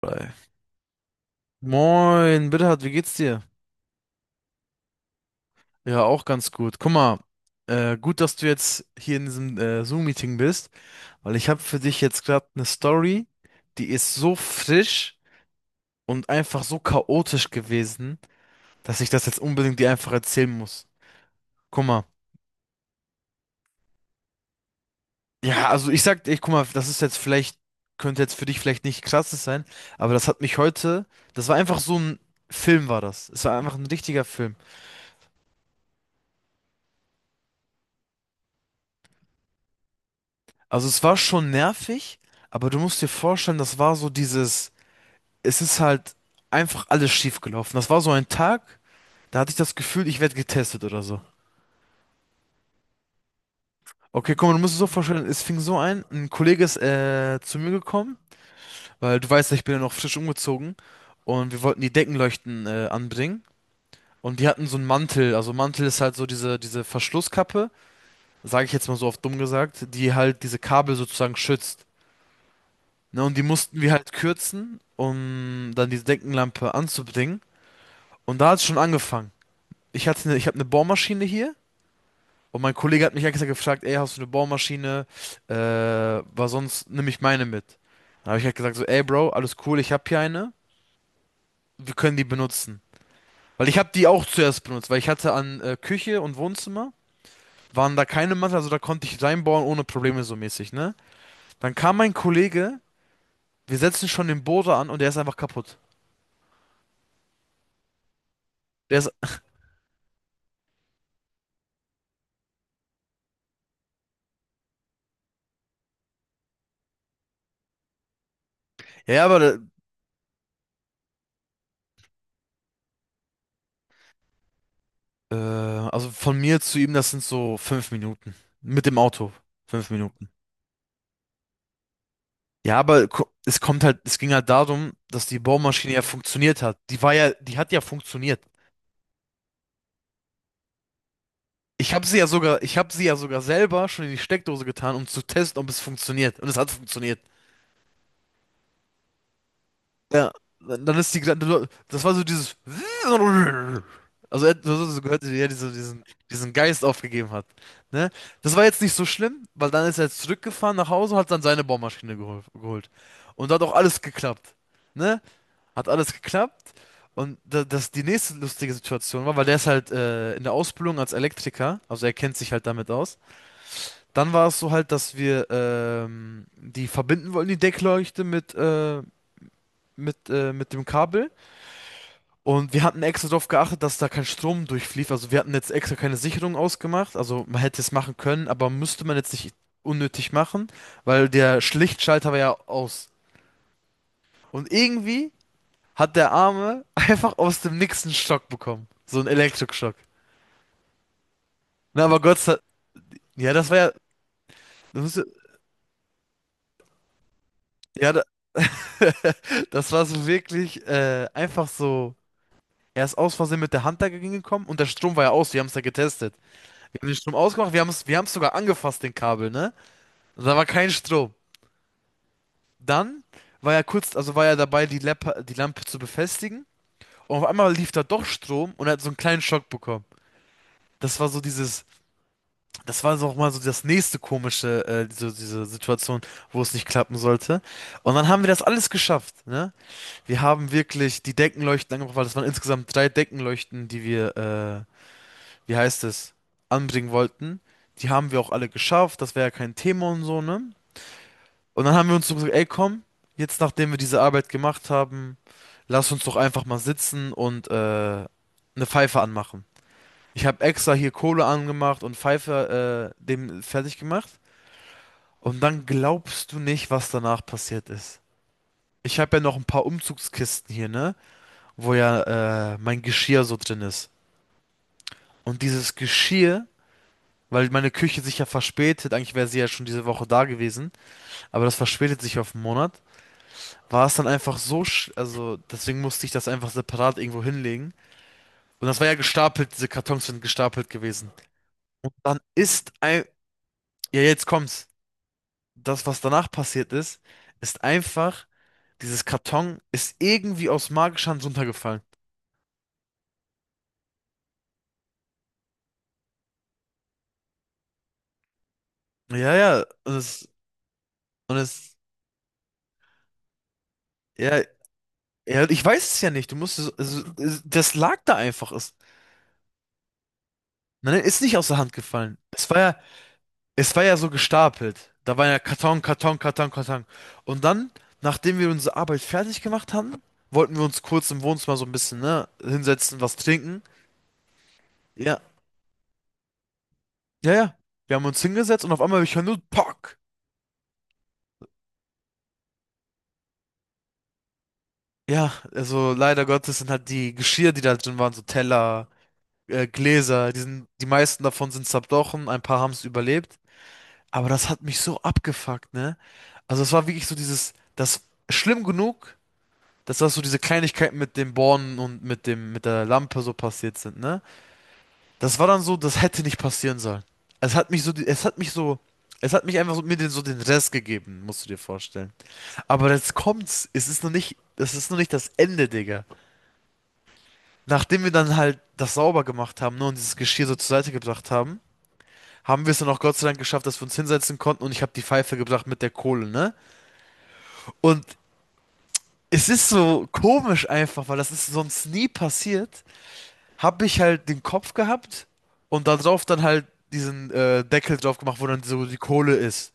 Bei. Moin, Bittert, wie geht's dir? Ja, auch ganz gut. Guck mal, gut, dass du jetzt hier in diesem Zoom-Meeting bist, weil ich habe für dich jetzt gerade eine Story, die ist so frisch und einfach so chaotisch gewesen, dass ich das jetzt unbedingt dir einfach erzählen muss. Guck mal. Ja, also ich sag, ich guck mal, das ist jetzt vielleicht, könnte jetzt für dich vielleicht nicht krasses sein, aber das hat mich heute, das war einfach so ein Film war das. Es war einfach ein richtiger Film. Also es war schon nervig, aber du musst dir vorstellen, das war so dieses, es ist halt einfach alles schief gelaufen. Das war so ein Tag, da hatte ich das Gefühl, ich werde getestet oder so. Okay, guck mal, du musst es so vorstellen, es fing so ein Kollege ist zu mir gekommen, weil du weißt ja, ich bin ja noch frisch umgezogen und wir wollten die Deckenleuchten anbringen und die hatten so einen Mantel, also Mantel ist halt so diese Verschlusskappe, sage ich jetzt mal so oft dumm gesagt, die halt diese Kabel sozusagen schützt. Ne, und die mussten wir halt kürzen, um dann diese Deckenlampe anzubringen. Und da hat es schon angefangen. Ich habe eine Bohrmaschine hier und mein Kollege hat mich extra gefragt, ey, hast du eine Bohrmaschine? Weil sonst nehme ich meine mit. Dann habe ich halt gesagt so, ey Bro, alles cool, ich habe hier eine, wir können die benutzen. Weil ich habe die auch zuerst benutzt, weil ich hatte an Küche und Wohnzimmer, waren da keine Matten, also da konnte ich reinbohren ohne Probleme so mäßig, ne? Dann kam mein Kollege, wir setzen schon den Bohrer an und der ist einfach kaputt. Der ist, ja, aber Also von mir zu ihm, das sind so 5 Minuten. Mit dem Auto. 5 Minuten. Ja, aber es kommt halt, es ging halt darum, dass die Bohrmaschine ja funktioniert hat. Die hat ja funktioniert. Ich habe sie ja sogar selber schon in die Steckdose getan, um zu testen, ob es funktioniert. Und es hat funktioniert. Ja, dann ist die, das war so dieses, also so gehört, wie er diese, diesen Geist aufgegeben hat. Ne? Das war jetzt nicht so schlimm, weil dann ist er jetzt zurückgefahren nach Hause, hat dann seine Bohrmaschine geholt. Und da hat auch alles geklappt. Ne? Hat alles geklappt. Und da, das die nächste lustige Situation war, weil der ist halt in der Ausbildung als Elektriker, also er kennt sich halt damit aus. Dann war es so halt, dass wir die verbinden wollten, die Deckleuchte mit dem Kabel. Und wir hatten extra darauf geachtet, dass da kein Strom durchflief. Also wir hatten jetzt extra keine Sicherung ausgemacht. Also man hätte es machen können, aber müsste man jetzt nicht unnötig machen, weil der Schlichtschalter war ja aus. Und irgendwie hat der Arme einfach aus dem Nix einen Schock bekommen. So einen Elektroschock. Na, aber Gott sei Dank. Ja, das war ja. Das musste, ja, ja, da, das war so wirklich einfach so. Er ist aus Versehen mit der Hand dagegen gekommen und der Strom war ja aus. Wir haben es ja getestet. Wir haben den Strom ausgemacht, wir haben es sogar angefasst, den Kabel, ne? Da war kein Strom. Dann war er kurz, also war er dabei, die Lampe zu befestigen. Und auf einmal lief da doch Strom und er hat so einen kleinen Schock bekommen. Das war so dieses, das war so auch mal so das nächste komische, diese Situation, wo es nicht klappen sollte. Und dann haben wir das alles geschafft, ne? Wir haben wirklich die Deckenleuchten angebracht, weil das waren insgesamt drei Deckenleuchten, die wir, wie heißt es, anbringen wollten. Die haben wir auch alle geschafft, das wäre ja kein Thema und so, ne? Und dann haben wir uns so gesagt, ey, komm, jetzt nachdem wir diese Arbeit gemacht haben, lass uns doch einfach mal sitzen und eine Pfeife anmachen. Ich habe extra hier Kohle angemacht und Pfeife dem fertig gemacht. Und dann glaubst du nicht, was danach passiert ist. Ich habe ja noch ein paar Umzugskisten hier, ne? Wo ja mein Geschirr so drin ist. Und dieses Geschirr, weil meine Küche sich ja verspätet, eigentlich wäre sie ja schon diese Woche da gewesen, aber das verspätet sich auf einen Monat. War es dann einfach so, also deswegen musste ich das einfach separat irgendwo hinlegen. Und das war ja gestapelt, diese Kartons sind gestapelt gewesen. Und dann ist ein, ja jetzt kommt's, das, was danach passiert ist, ist einfach, dieses Karton ist irgendwie aus magischer Hand runtergefallen. Ja, ja, und es, ja, ja, ich weiß es ja nicht, du musst, es, also, es, das lag da einfach, es, nein, ist nicht aus der Hand gefallen. Es war ja so gestapelt. Da war ja Karton, Karton, Karton, Karton. Und dann, nachdem wir unsere Arbeit fertig gemacht haben, wollten wir uns kurz im Wohnzimmer so ein bisschen, ne, hinsetzen, was trinken. Ja, ja, ja. Wir haben uns hingesetzt und auf einmal ich höre nur Pock. Ja, also leider Gottes sind halt die Geschirr, die da drin waren, so Teller, Gläser, die meisten davon sind zerbrochen, ein paar haben es überlebt. Aber das hat mich so abgefuckt, ne? Also es war wirklich so dieses, das schlimm genug, dass das so diese Kleinigkeiten mit den Bornen und mit der Lampe so passiert sind, ne? Das war dann so, das hätte nicht passieren sollen. Es hat mich so, die- es hat mich so, es hat mich einfach so, mir den, so den Rest gegeben, musst du dir vorstellen. Aber jetzt kommt's, es ist noch nicht das Ende, Digga. Nachdem wir dann halt das sauber gemacht haben, ne, und dieses Geschirr so zur Seite gebracht haben, haben wir es dann auch Gott sei Dank geschafft, dass wir uns hinsetzen konnten und ich habe die Pfeife gebracht mit der Kohle, ne? Und es ist so komisch einfach, weil das ist sonst nie passiert. Habe ich halt den Kopf gehabt und da drauf dann halt diesen Deckel drauf gemacht, wo dann so die Kohle ist.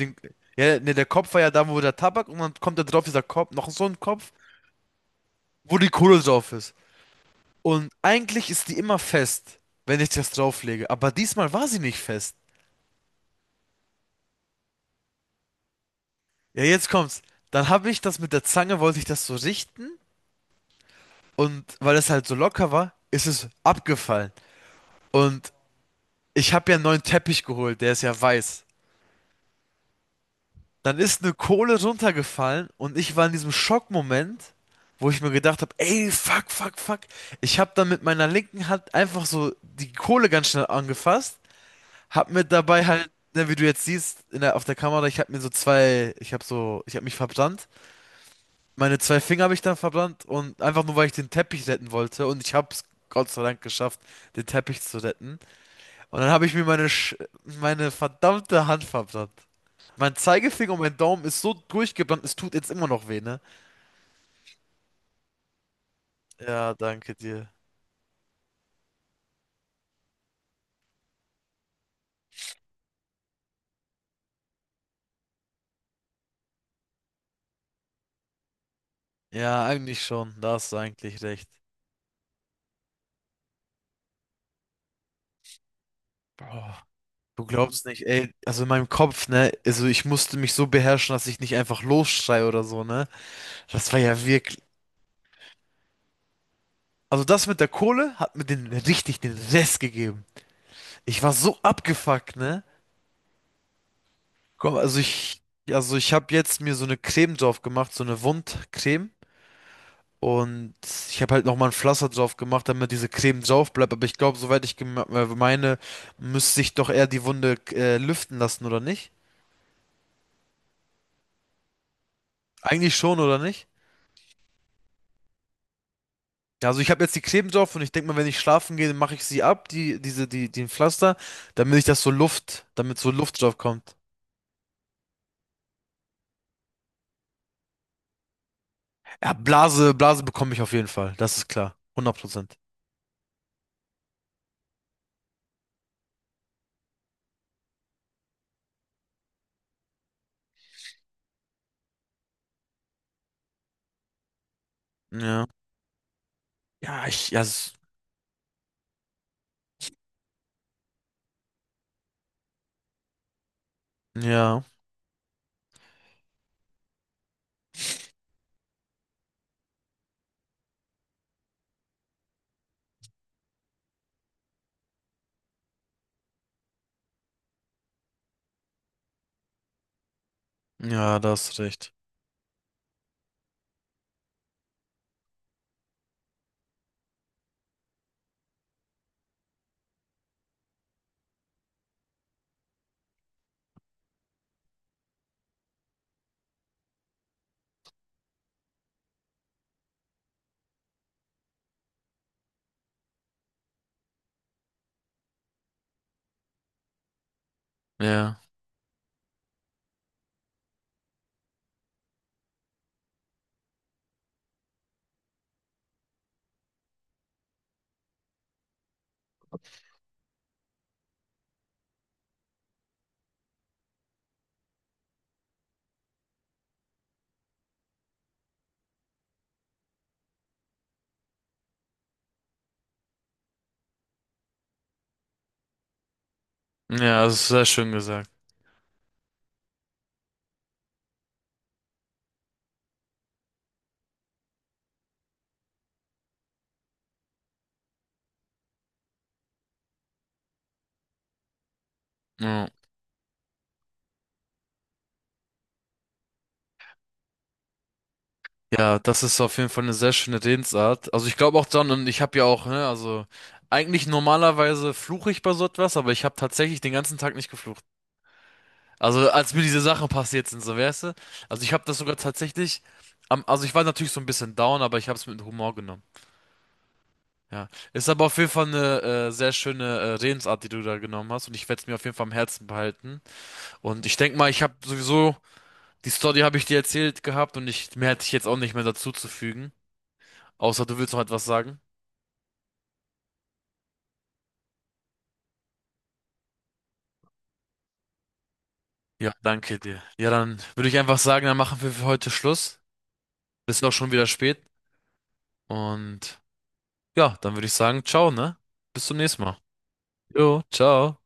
Den, ja, ne, der Kopf war ja da, wo der Tabak und dann kommt da drauf dieser Kopf, noch so ein Kopf, wo die Kohle drauf ist. Und eigentlich ist die immer fest, wenn ich das drauflege, aber diesmal war sie nicht fest. Ja, jetzt kommt's. Dann habe ich das mit der Zange, wollte ich das so richten und weil es halt so locker war, ist es abgefallen. Und ich habe ja einen neuen Teppich geholt, der ist ja weiß. Dann ist eine Kohle runtergefallen und ich war in diesem Schockmoment, wo ich mir gedacht habe, ey, fuck, fuck, fuck. Ich habe dann mit meiner linken Hand einfach so die Kohle ganz schnell angefasst, habe mir dabei halt, ne, wie du jetzt siehst, in der, auf der Kamera, ich habe mich verbrannt. Meine zwei Finger habe ich dann verbrannt und einfach nur, weil ich den Teppich retten wollte und ich habe es Gott sei Dank geschafft, den Teppich zu retten. Und dann habe ich mir meine verdammte Hand verbrannt. Mein Zeigefinger und mein Daumen ist so durchgebrannt, es tut jetzt immer noch weh, ne? Ja, danke dir. Ja, eigentlich schon. Da hast du eigentlich recht. Boah, du glaubst nicht, ey, also in meinem Kopf, ne, also ich musste mich so beherrschen, dass ich nicht einfach losschreie oder so, ne? Das war ja wirklich. Also das mit der Kohle hat mir den richtig den Rest gegeben. Ich war so abgefuckt, ne? Komm, also ich habe jetzt mir so eine Creme drauf gemacht, so eine Wundcreme. Und ich habe halt nochmal ein Pflaster drauf gemacht, damit diese Creme drauf bleibt. Aber ich glaube, soweit ich meine, müsste ich doch eher die Wunde lüften lassen, oder nicht? Eigentlich schon, oder nicht? Ja, also ich habe jetzt die Creme drauf und ich denke mal, wenn ich schlafen gehe, dann mache ich sie ab, die, diese, die, den Pflaster, damit so Luft drauf kommt. Ja, Blase, Blase bekomme ich auf jeden Fall. Das ist klar. 100%. Ja. Ja, ich, ja, ja, ja, da hast du recht. Ja. Ja, das ist sehr schön gesagt. Ja. Ja, das ist auf jeden Fall eine sehr schöne Redensart. Also ich glaube auch dann, und ich habe ja auch, ne, also eigentlich normalerweise fluche ich bei so etwas, aber ich habe tatsächlich den ganzen Tag nicht geflucht. Also als mir diese Sachen passiert sind, so weißt du. Also ich habe das sogar tatsächlich, also ich war natürlich so ein bisschen down, aber ich habe es mit Humor genommen. Ja, ist aber auf jeden Fall eine sehr schöne Redensart, die du da genommen hast, und ich werde es mir auf jeden Fall am Herzen behalten. Und ich denke mal, ich habe sowieso die Story habe ich dir erzählt gehabt und ich mehr hätte ich jetzt auch nicht mehr dazu zu fügen. Außer du willst noch etwas sagen. Ja, danke dir. Ja, dann würde ich einfach sagen, dann machen wir für heute Schluss. Ist auch schon wieder spät. Und ja, dann würde ich sagen, ciao, ne? Bis zum nächsten Mal. Jo, ciao.